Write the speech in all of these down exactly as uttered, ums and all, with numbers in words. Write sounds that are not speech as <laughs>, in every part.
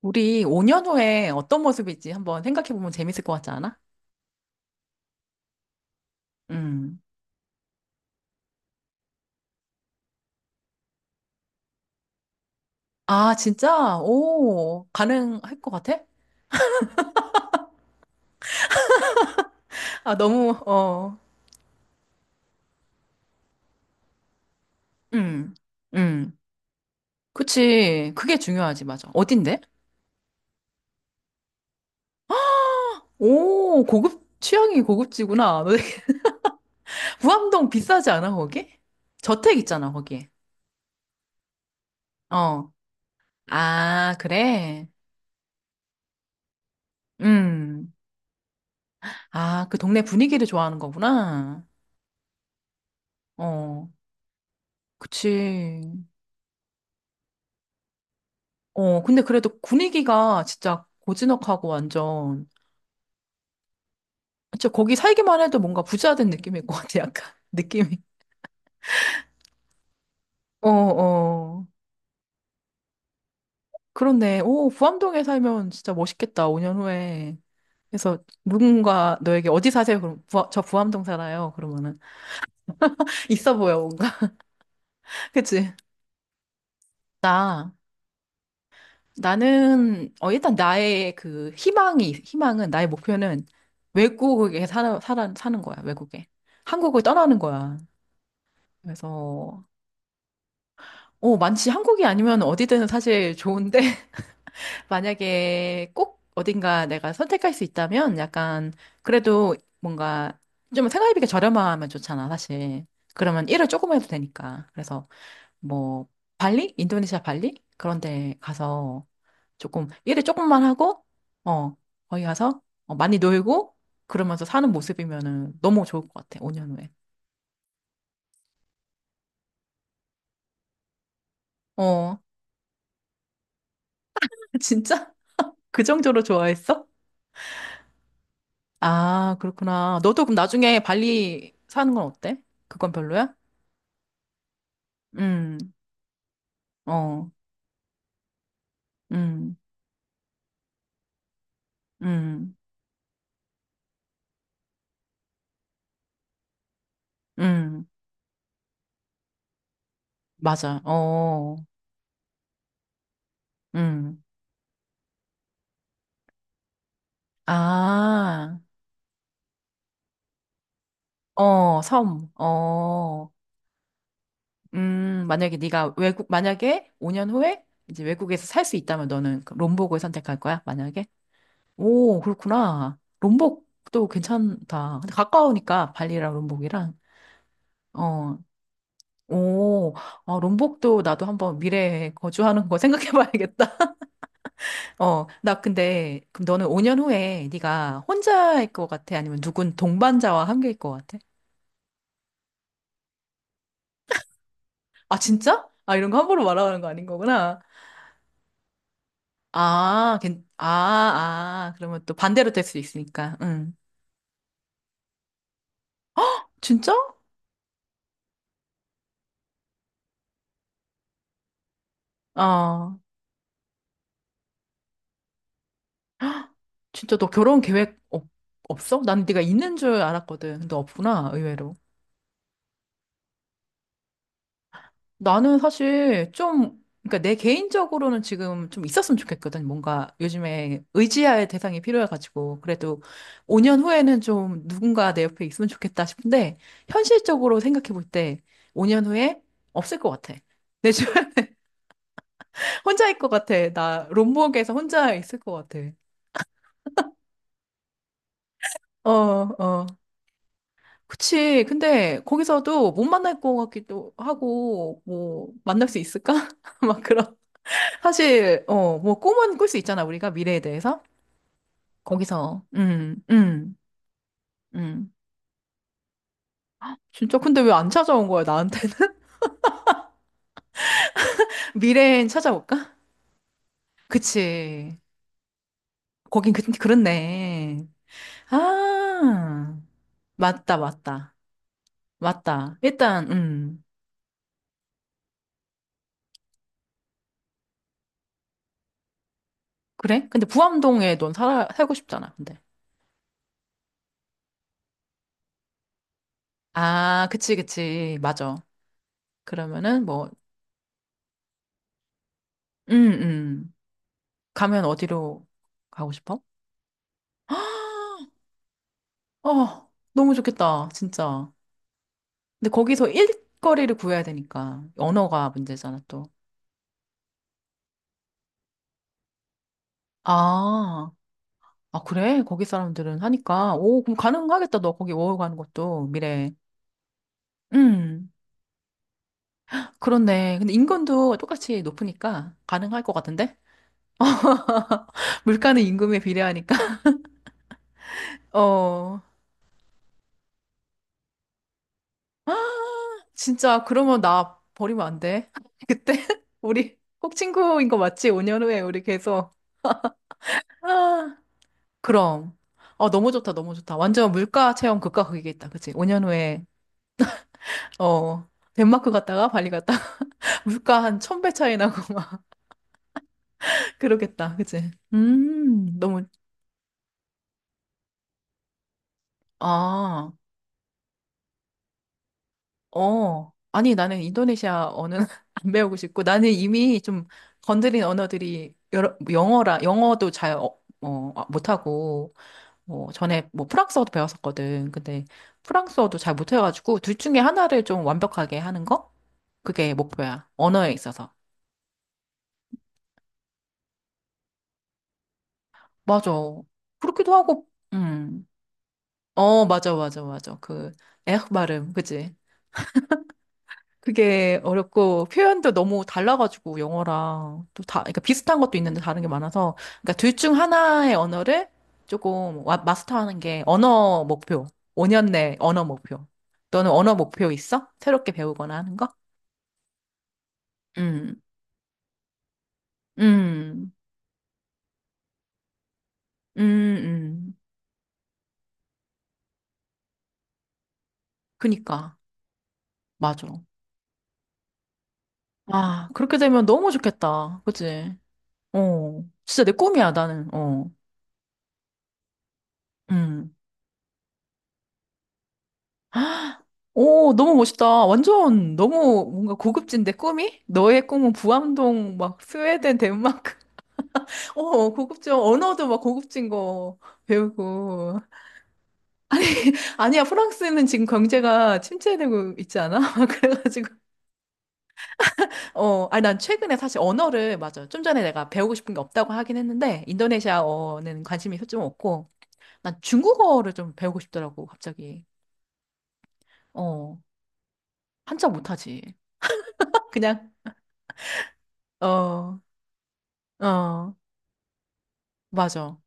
우리 오 년 후에 어떤 모습일지 한번 생각해보면 재밌을 것 같지 않아? 음. 아, 진짜? 오, 가능할 것 같아? 아, 너무, 어, 음, 음. 그치. 그게 중요하지, 맞아. 어딘데? 오, 고급, 취향이 고급지구나. 너 <laughs> 무암동 비싸지 않아, 거기? 저택 있잖아, 거기. 어. 아, 그래? 음. 아, 그 동네 분위기를 좋아하는 거구나. 어, 그치. 어, 근데 그래도 분위기가 진짜 고즈넉하고 완전, 진짜 거기 살기만 해도 뭔가 부자 된 느낌일 것 같아, 약간. <laughs> 느낌이. 어, 어. 그런데, 오, 부암동에 살면 진짜 멋있겠다, 오 년 후에. 그래서 누군가 너에게 어디 사세요? 그럼, 부저 부암동 살아요. 그러면은. <laughs> 있어 보여, 뭔가. <laughs> 그치? 나, 나는, 어, 일단 나의 그 희망이, 희망은, 나의 목표는 외국에 살아, 살아, 사는 거야, 외국에. 한국을 떠나는 거야. 그래서 어, 많지. 한국이 아니면 어디든 사실 좋은데, <laughs> 만약에 꼭 어딘가 내가 선택할 수 있다면 약간, 그래도 뭔가 좀 생활비가 저렴하면 좋잖아, 사실. 그러면 일을 조금 해도 되니까. 그래서 뭐, 발리? 인도네시아 발리? 그런 데 가서 조금, 일을 조금만 하고, 어, 거기 가서 어, 많이 놀고, 그러면서 사는 모습이면은 너무 좋을 것 같아, 오 년 후에. 어, <laughs> 진짜? 그 정도로 좋아했어? 아, 그렇구나. 너도 그럼 나중에 발리 사는 건 어때? 그건 별로야? 음, 어, 음, 음, 음, 맞아. 어, 음. 아, 어, 섬, 어, 음, 만약에 네가 외국, 만약에 오 년 후에 이제 외국에서 살 수 있다면 너는 그 롬복을 선택할 거야? 만약에? 오, 그렇구나. 롬복도 괜찮다. 근데 가까우니까 발리랑 롬복이랑. 어, 오, 아, 롬복도 나도 한번 미래에 거주하는 거 생각해 봐야겠다. <laughs> 어, 나 근데, 그럼 너는 오 년 후에 네가 혼자일 것 같아? 아니면 누군 동반자와 함께일 것 같아? 아, 진짜? 아, 이런 거 함부로 말하는 거 아닌 거구나. 아, 괜, 아, 아, 그러면 또 반대로 될 수 있으니까. 응. 진짜? 어, 진짜 너 결혼 계획 없, 없어? 난 네가 있는 줄 알았거든. 근데 없구나, 의외로. 나는 사실 좀, 그러니까 내 개인적으로는 지금 좀 있었으면 좋겠거든. 뭔가 요즘에 의지할 대상이 필요해가지고. 그래도 오 년 후에는 좀 누군가 내 옆에 있으면 좋겠다 싶은데, 현실적으로 생각해 볼 때 오 년 후에 없을 것 같아. 내 주변에 <laughs> 혼자 있을 것 같아. 나 롬복에서 혼자 있을 것 같아. 어, 어. 그치. 근데 거기서도 못 만날 것 같기도 하고, 뭐, 만날 수 있을까? <laughs> 막 그런. 사실, 어, 뭐, 꿈은 꿀 수 있잖아, 우리가 미래에 대해서. 거기서, 음, 음, 음. 진짜, 근데 왜 안 찾아온 거야, 나한테는? <laughs> 미래엔 찾아올까? 그치. 거긴 그, 그렇네. 아, 맞다, 맞다. 맞다. 일단, 음. 그래? 근데 부암동에 넌 살아, 살고 싶잖아, 근데. 아, 그치, 그치. 맞아. 그러면은, 뭐, 음, 음. 가면 어디로 가고 싶어? <gasps> 어, 너무 좋겠다, 진짜. 근데 거기서 일거리를 구해야 되니까 언어가 문제잖아 또. 아, 아 그래? 거기 사람들은 하니까 오 그럼 가능하겠다 너 거기 워홀 가는 것도 미래. 음 그렇네. 근데 인건도 똑같이 높으니까 가능할 것 같은데? <laughs> 물가는 임금에 비례하니까. <laughs> 어 진짜 그러면 나 버리면 안 돼. <laughs> 그때 <laughs> 우리 꼭 친구인 거 맞지? 오 년 후에 우리 계속. 아, 그럼. 어, 너무 좋다, 너무 좋다. 완전 물가 체험 극과 극이겠다. 그치? 오 년 후에, 어, 덴마크 갔다가 발리 갔다가 <laughs> 물가 한 천배 차이 나고 막 <laughs> 그러겠다. 그치? 음, 너무, 아, 어. 아니, 나는 인도네시아 언어는 <laughs> 안 배우고 싶고, 나는 이미 좀 건드린 언어들이 여러, 영어라, 영어도 잘, 어, 어, 아, 못하고, 뭐 전에 뭐 프랑스어도 배웠었거든. 근데 프랑스어도 잘 못해가지고 둘 중에 하나를 좀 완벽하게 하는 거? 그게 목표야. 언어에 있어서. 맞아. 그렇기도 하고, 음. 어, 맞아, 맞아, 맞아. 그, 에흐 발음, 그지? 그게 어렵고, 표현도 너무 달라가지고, 영어랑. 또 다, 그러니까 비슷한 것도 있는데 다른 게 많아서. 그러니까 둘 중 하나의 언어를 조금 와- 마스터하는 게 언어 목표. 오 년 내 언어 목표. 너는 언어 목표 있어? 새롭게 배우거나 하는 거? 음, 음, 음, 음. 그니까, 맞아. 아, 그렇게 되면 너무 좋겠다. 그치? 어, 진짜 내 꿈이야, 나는. 어, 음. <gasps> 헉! 오, 너무 멋있다. 완전 너무 뭔가 고급진데, 꿈이? 너의 꿈은 부암동, 막, 스웨덴, 덴마크. <laughs> 어, 고급져. 언어도 막 고급진 거 배우고. <laughs> 아니야, 프랑스는 지금 경제가 침체되고 있지 않아? <laughs> 그래가지고. 어, 아니, 난 최근에 사실 언어를, 맞아. 좀 전에 내가 배우고 싶은 게 없다고 하긴 했는데, 인도네시아어는 관심이 좀 없고, 난 중국어를 좀 배우고 싶더라고, 갑자기. 어, 한자 못하지. <laughs> 그냥, 어, 어, 맞아.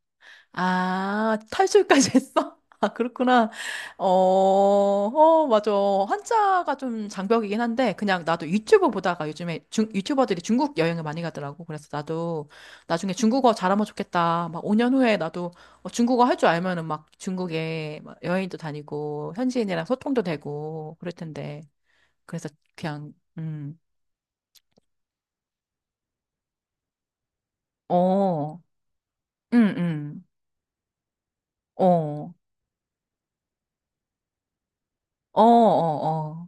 아, 탈출까지 했어? <laughs> 아, 그렇구나. 어, 어, 맞아. 한자가 좀 장벽이긴 한데, 그냥 나도 유튜브 보다가 요즘에 중, 유튜버들이 중국 여행을 많이 가더라고. 그래서 나도 나중에 중국어 잘하면 좋겠다. 막 오 년 후에 나도 어, 중국어 할 줄 알면은 막 중국에 막 여행도 다니고, 현지인이랑 소통도 되고, 그럴 텐데. 그래서 그냥, 음, 어, 음, 음, 어, 어, 어, 어,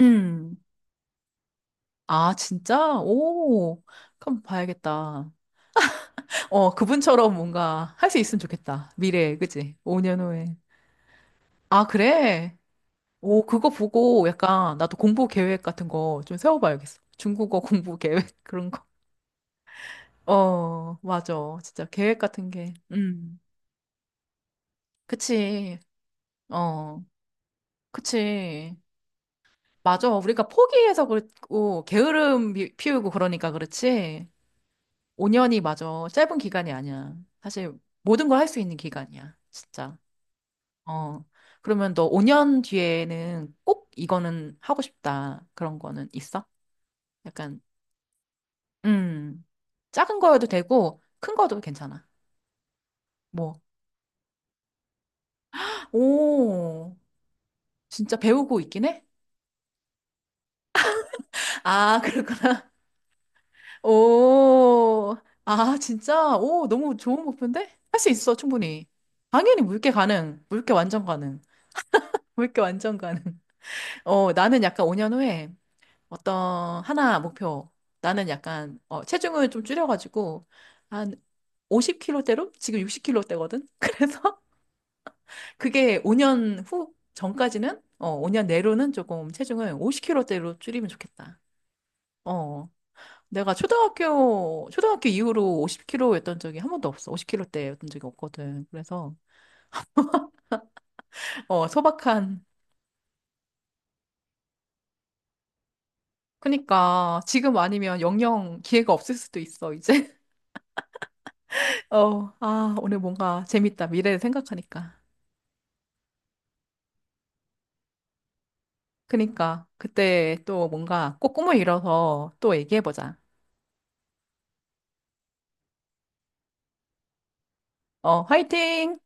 음. 아, 진짜? 오, 한번 봐야겠다. 어, 그분처럼 뭔가 할 수 있으면 좋겠다. 미래에, 그치? 오 년 후에. 아, 그래? 오, 그거 보고 약간 나도 공부 계획 같은 거 좀 세워봐야겠어. 중국어 공부 계획, <laughs> 그런 거. 어, 맞아. 진짜 계획 같은 게. 음, 그치. 어, 그치. 맞아. 우리가 포기해서 그렇고, 게으름 피- 피우고 그러니까 그렇지. 오 년이 맞아. 짧은 기간이 아니야. 사실 모든 걸 할 수 있는 기간이야. 진짜. 어. 그러면 너 오 년 뒤에는 꼭 이거는 하고 싶다. 그런 거는 있어? 약간, 음. 작은 거여도 되고, 큰 거도 괜찮아. 뭐. 오. 진짜 배우고 있긴 해? 아, <laughs> 그렇구나. 오. 아, 진짜? 오, 너무 좋은 목표인데? 할 수 있어, 충분히. 당연히 물개 가능. 물개 완전 가능. 물개 완전 가능. 어, 나는 약간 오 년 후에 어떤 하나 목표. 나는 약간 어, 체중을 좀 줄여가지고 한 오십 킬로그램대로 지금 육십 킬로그램대거든. <laughs> 그래서 그게 오 년 후 전까지는 어, 오 년 내로는 조금 체중을 오십 킬로그램대로 줄이면 좋겠다. 어. 내가 초등학교 초등학교 이후로 오십 킬로그램이었던 적이 한 번도 없어. 오십 킬로그램대였던 적이 없거든. 그래서 어, 소박한 그니까 지금 아니면 영영 기회가 없을 수도 있어, 이제. 어, 아, 오늘 뭔가 재밌다. 미래를 생각하니까. 그니까, 그때 또 뭔가 꼭 꿈을 이뤄서 또 얘기해보자. 어, 화이팅!